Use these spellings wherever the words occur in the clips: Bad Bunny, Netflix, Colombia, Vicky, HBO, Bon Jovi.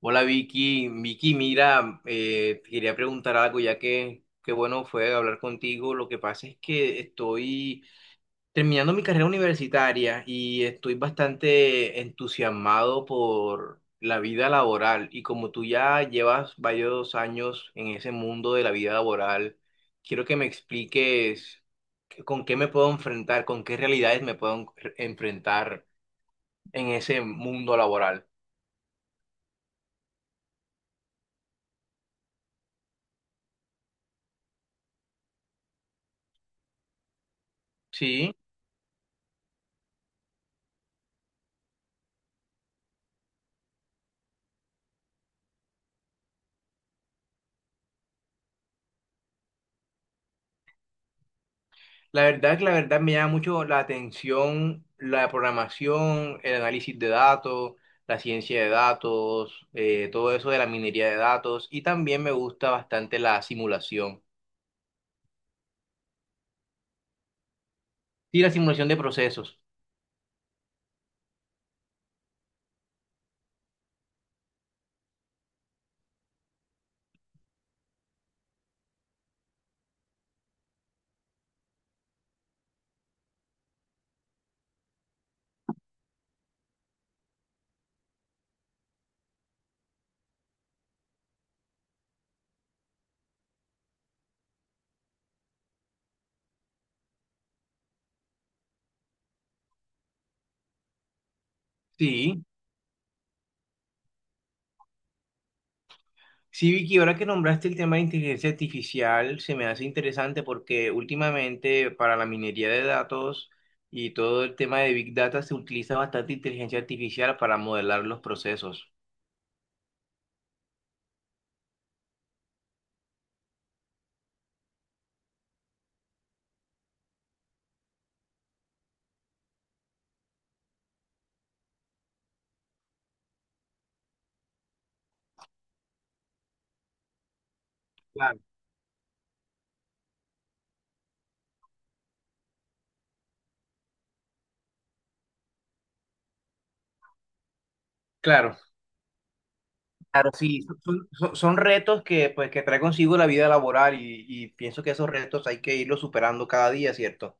Hola Vicky, Vicky, mira, te quería preguntar algo ya que qué bueno fue hablar contigo. Lo que pasa es que estoy terminando mi carrera universitaria y estoy bastante entusiasmado por la vida laboral y como tú ya llevas varios años en ese mundo de la vida laboral, quiero que me expliques con qué me puedo enfrentar, con qué realidades me puedo enfrentar en ese mundo laboral. Sí. La verdad me llama mucho la atención la programación, el análisis de datos, la ciencia de datos, todo eso de la minería de datos y también me gusta bastante la simulación. Sí, la simulación de procesos. Sí, sí, Vicky, ahora que nombraste el tema de inteligencia artificial, se me hace interesante porque últimamente para la minería de datos y todo el tema de Big Data se utiliza bastante inteligencia artificial para modelar los procesos. Claro. Claro. Claro, sí, son retos que, pues, que trae consigo la vida laboral y pienso que esos retos hay que irlos superando cada día, ¿cierto?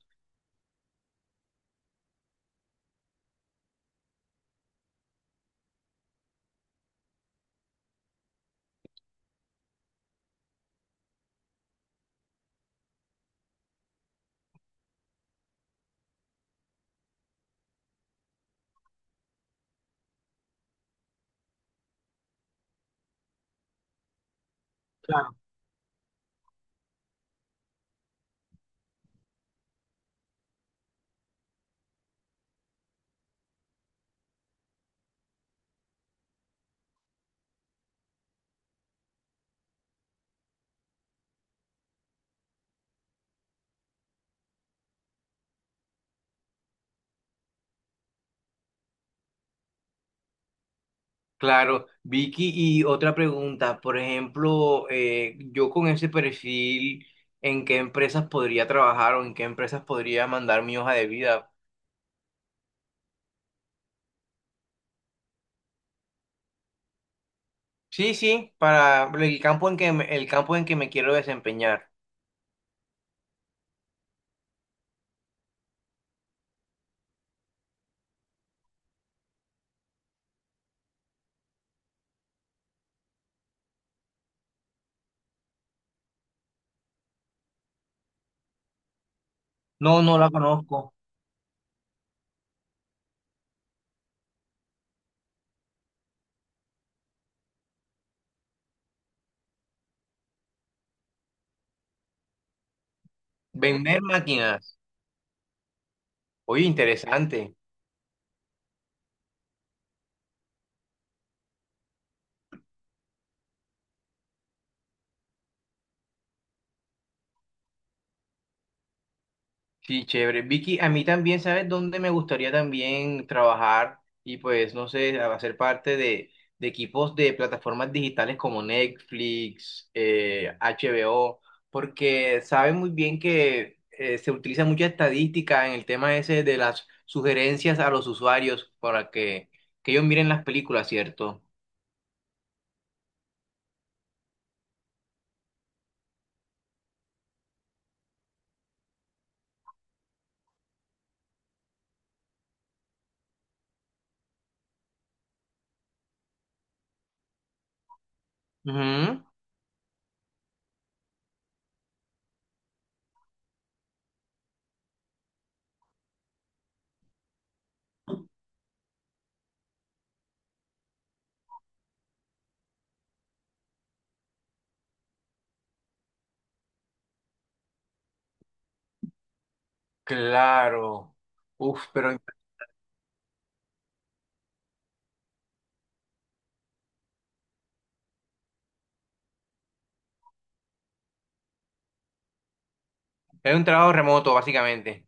Claro. Claro, Vicky, y otra pregunta, por ejemplo, yo con ese perfil, ¿en qué empresas podría trabajar o en qué empresas podría mandar mi hoja de vida? Sí, sí, para el campo en que me quiero desempeñar. No, no la conozco. Vender máquinas. Oye, interesante. Sí, chévere. Vicky, a mí también, ¿sabes dónde me gustaría también trabajar y pues, no sé, hacer parte de equipos de plataformas digitales como Netflix, HBO, porque saben muy bien que se utiliza mucha estadística en el tema ese de las sugerencias a los usuarios para que ellos miren las películas, ¿cierto? Ujú. Claro. Uf, pero es un trabajo remoto, básicamente.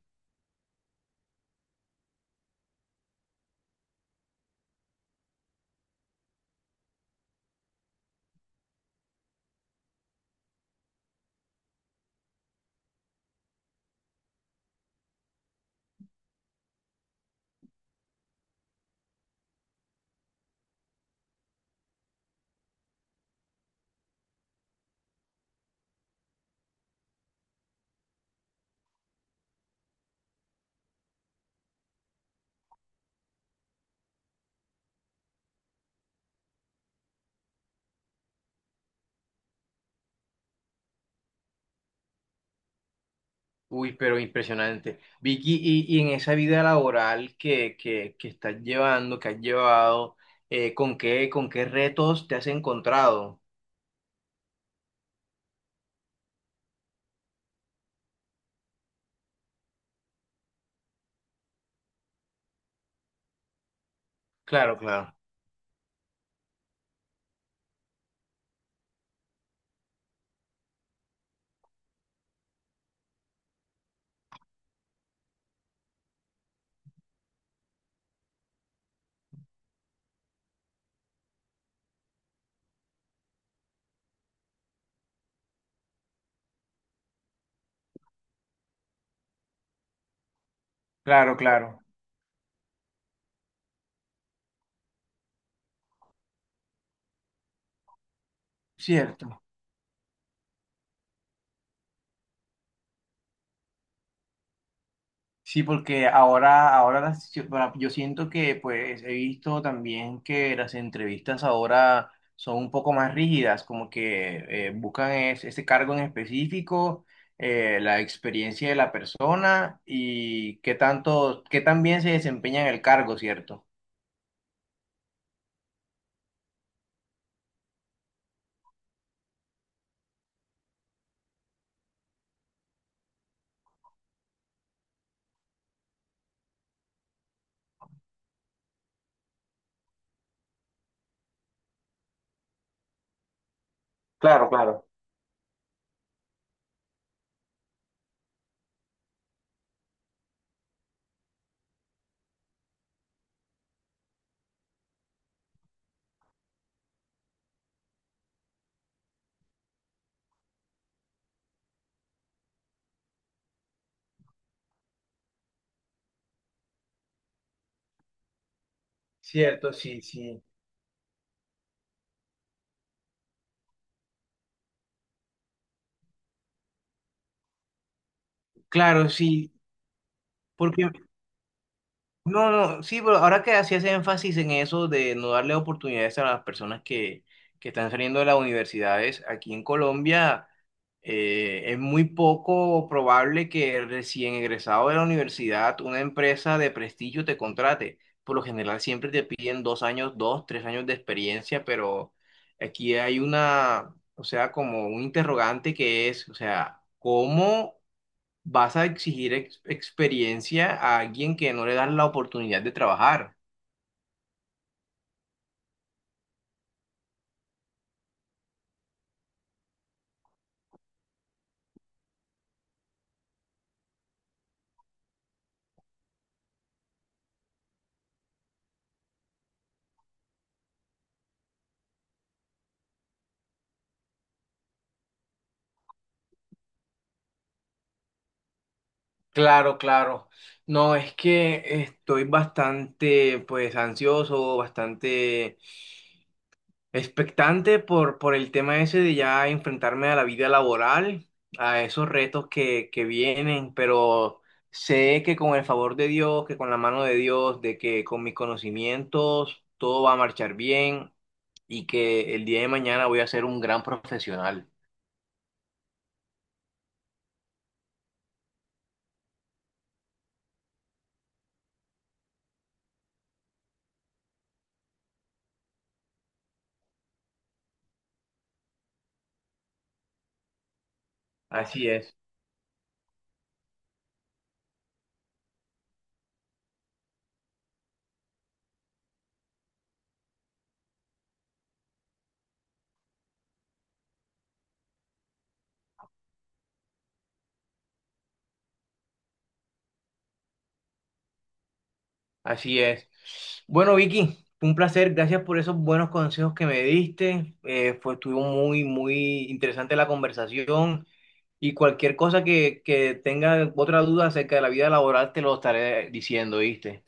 Uy, pero impresionante. Vicky, y en esa vida laboral que estás llevando, que has llevado, con qué retos te has encontrado? Claro, claro. Claro, claro. Cierto. Sí, porque yo, bueno, yo siento que pues he visto también que las entrevistas ahora son un poco más rígidas, como que buscan ese cargo en específico, la experiencia de la persona y qué tanto, qué tan bien se desempeña en el cargo, ¿cierto? Claro, claro. Cierto, sí, sí. Claro, sí, porque no, no, sí, pero ahora que hacías énfasis en eso de no darle oportunidades a las personas que están saliendo de las universidades, aquí en Colombia es muy poco probable que recién egresado de la universidad una empresa de prestigio te contrate. Por lo general siempre te piden 2 años, 2, 3 años de experiencia, pero aquí hay una, o sea, como un interrogante que es, o sea, ¿cómo vas a exigir experiencia a alguien que no le das la oportunidad de trabajar? Claro, claro. No, es que estoy bastante, pues, ansioso, bastante expectante por el tema ese de ya enfrentarme a la vida laboral, a esos retos que vienen, pero sé que con el favor de Dios, que con la mano de Dios, de que con mis conocimientos todo va a marchar bien y que el día de mañana voy a ser un gran profesional. Así es, así es. Bueno, Vicky, fue un placer. Gracias por esos buenos consejos que me diste. Estuvo muy, muy interesante la conversación. Y cualquier cosa que tenga otra duda acerca de la vida laboral, te lo estaré diciendo, ¿viste?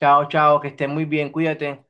Chao, chao, que estés muy bien, cuídate.